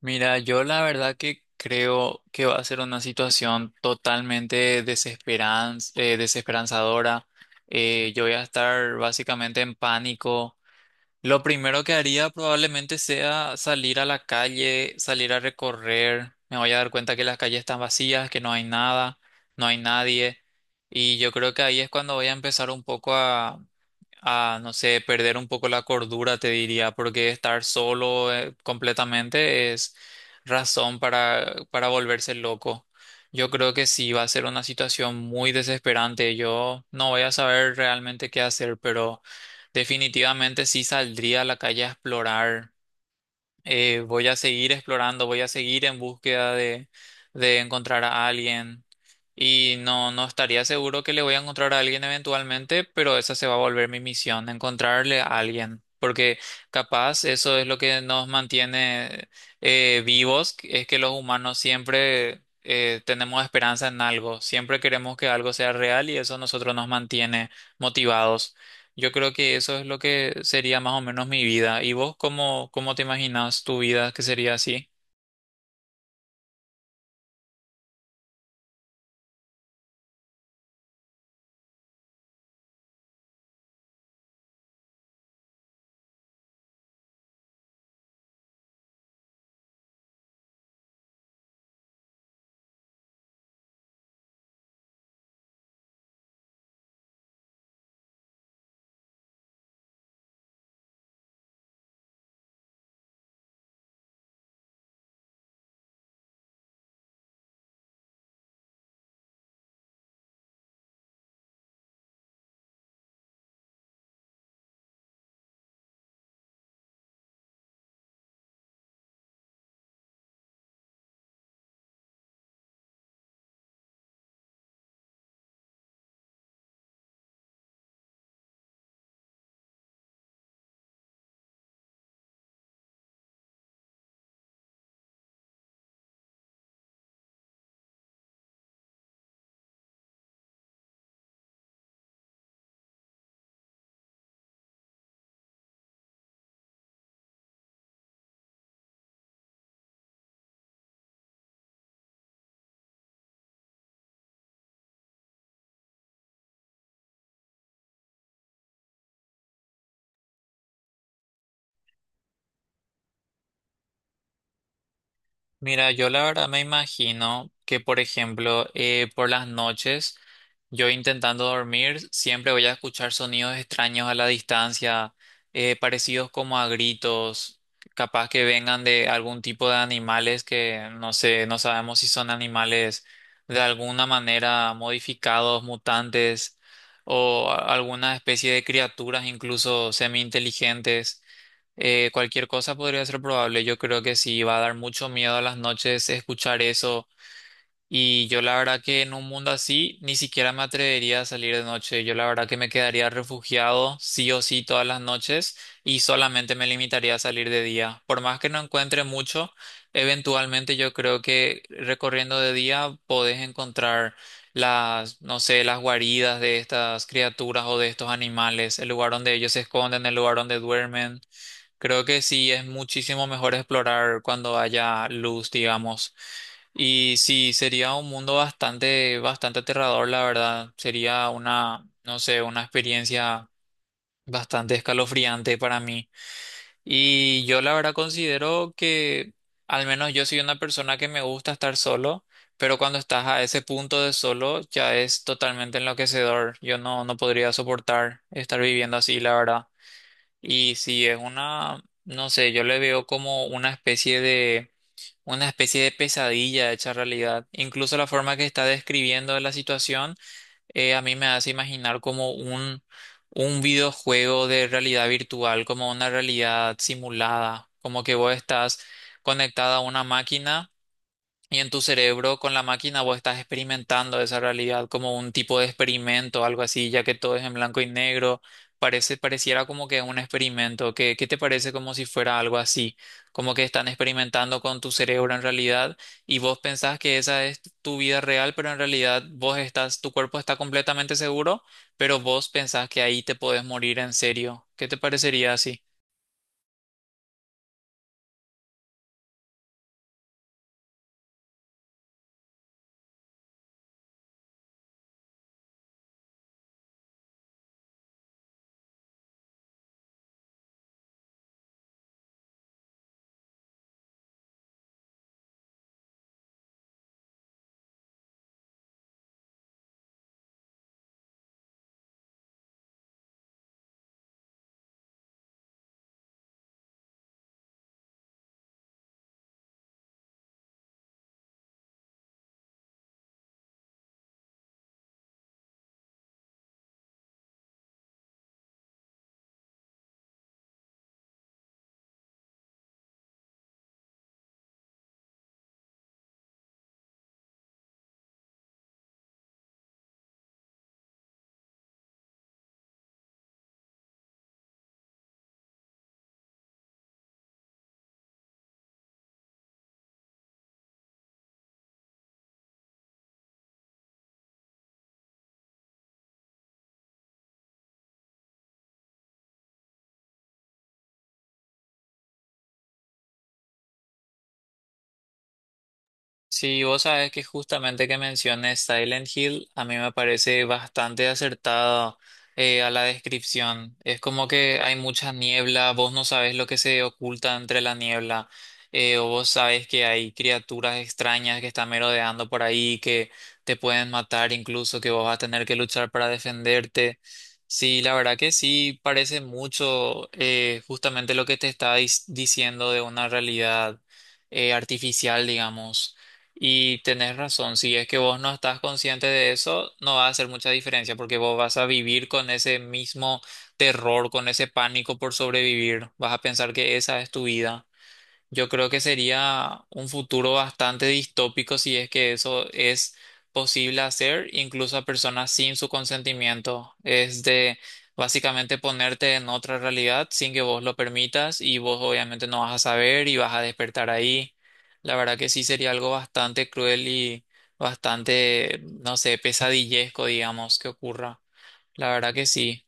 Mira, yo la verdad que creo que va a ser una situación totalmente desesperanzadora. Yo voy a estar básicamente en pánico. Lo primero que haría probablemente sea salir a la calle, salir a recorrer. Me voy a dar cuenta que las calles están vacías, que no hay nada, no hay nadie. Y yo creo que ahí es cuando voy a empezar un poco a, no sé, perder un poco la cordura, te diría, porque estar solo completamente es razón para volverse loco. Yo creo que sí, va a ser una situación muy desesperante. Yo no voy a saber realmente qué hacer, pero definitivamente sí saldría a la calle a explorar, voy a seguir explorando, voy a seguir en búsqueda de encontrar a alguien. Y no, no estaría seguro que le voy a encontrar a alguien eventualmente, pero esa se va a volver mi misión, encontrarle a alguien. Porque capaz eso es lo que nos mantiene vivos, es que los humanos siempre tenemos esperanza en algo, siempre queremos que algo sea real y eso a nosotros nos mantiene motivados. Yo creo que eso es lo que sería más o menos mi vida. ¿Y vos cómo, cómo te imaginas tu vida que sería así? Mira, yo la verdad me imagino que, por ejemplo, por las noches, yo intentando dormir, siempre voy a escuchar sonidos extraños a la distancia, parecidos como a gritos, capaz que vengan de algún tipo de animales que no sé, no sabemos si son animales de alguna manera modificados, mutantes o alguna especie de criaturas incluso semi-inteligentes. Cualquier cosa podría ser probable. Yo creo que sí, va a dar mucho miedo a las noches escuchar eso. Y yo la verdad que en un mundo así ni siquiera me atrevería a salir de noche. Yo la verdad que me quedaría refugiado sí o sí todas las noches y solamente me limitaría a salir de día. Por más que no encuentre mucho, eventualmente yo creo que recorriendo de día podés encontrar las, no sé, las guaridas de estas criaturas o de estos animales, el lugar donde ellos se esconden, el lugar donde duermen. Creo que sí es muchísimo mejor explorar cuando haya luz, digamos. Y sí, sería un mundo bastante, bastante aterrador, la verdad. Sería una, no sé, una experiencia bastante escalofriante para mí. Y yo la verdad considero que, al menos yo soy una persona que me gusta estar solo, pero cuando estás a ese punto de solo ya es totalmente enloquecedor. Yo no, no podría soportar estar viviendo así, la verdad. Y si es una, no sé, yo le veo como una especie de pesadilla hecha realidad. Incluso la forma que está describiendo la situación, a mí me hace imaginar como un videojuego de realidad virtual, como una realidad simulada, como que vos estás conectada a una máquina y en tu cerebro, con la máquina, vos estás experimentando esa realidad como un tipo de experimento, algo así, ya que todo es en blanco y negro. Parece, pareciera como que es un experimento. ¿Qué, qué te parece como si fuera algo así? Como que están experimentando con tu cerebro en realidad y vos pensás que esa es tu vida real, pero en realidad vos estás, tu cuerpo está completamente seguro, pero vos pensás que ahí te podés morir en serio. ¿Qué te parecería así? Sí, vos sabes que justamente que menciones Silent Hill, a mí me parece bastante acertado a la descripción. Es como que hay mucha niebla, vos no sabes lo que se oculta entre la niebla, o vos sabes que hay criaturas extrañas que están merodeando por ahí, que te pueden matar, incluso que vos vas a tener que luchar para defenderte. Sí, la verdad que sí, parece mucho justamente lo que te está diciendo de una realidad artificial, digamos. Y tenés razón, si es que vos no estás consciente de eso, no va a hacer mucha diferencia porque vos vas a vivir con ese mismo terror, con ese pánico por sobrevivir, vas a pensar que esa es tu vida. Yo creo que sería un futuro bastante distópico si es que eso es posible hacer, incluso a personas sin su consentimiento. Es de básicamente ponerte en otra realidad sin que vos lo permitas y vos obviamente no vas a saber y vas a despertar ahí. La verdad que sí sería algo bastante cruel y bastante, no sé, pesadillesco, digamos, que ocurra. La verdad que sí.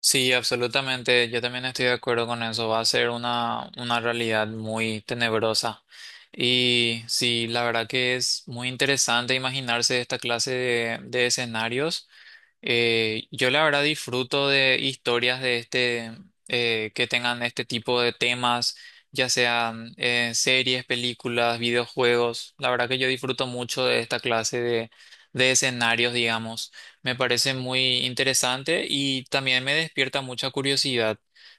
Sí, absolutamente. Yo también estoy de acuerdo con eso. Va a ser una realidad muy tenebrosa. Y sí, la verdad que es muy interesante imaginarse esta clase de escenarios. Yo la verdad disfruto de historias de este, que tengan este tipo de temas, ya sean series, películas, videojuegos. La verdad que yo disfruto mucho de esta clase de escenarios, digamos. Me parece muy interesante y también me despierta mucha curiosidad.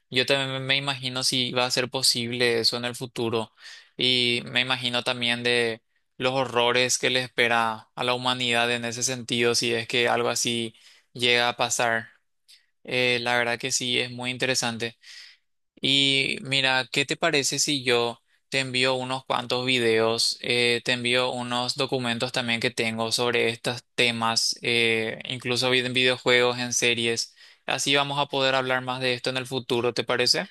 Yo también me imagino si va a ser posible eso en el futuro y me imagino también de los horrores que le espera a la humanidad en ese sentido, si es que algo así llega a pasar. La verdad que sí, es muy interesante. Y mira, ¿qué te parece si yo te envío unos cuantos videos, te envío unos documentos también que tengo sobre estos temas, incluso en videojuegos, en series? Así vamos a poder hablar más de esto en el futuro, ¿te parece?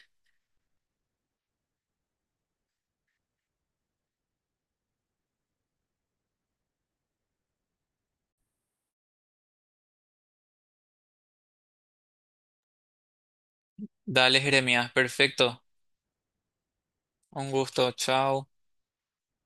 Dale, Jeremías, perfecto. Un gusto, chao.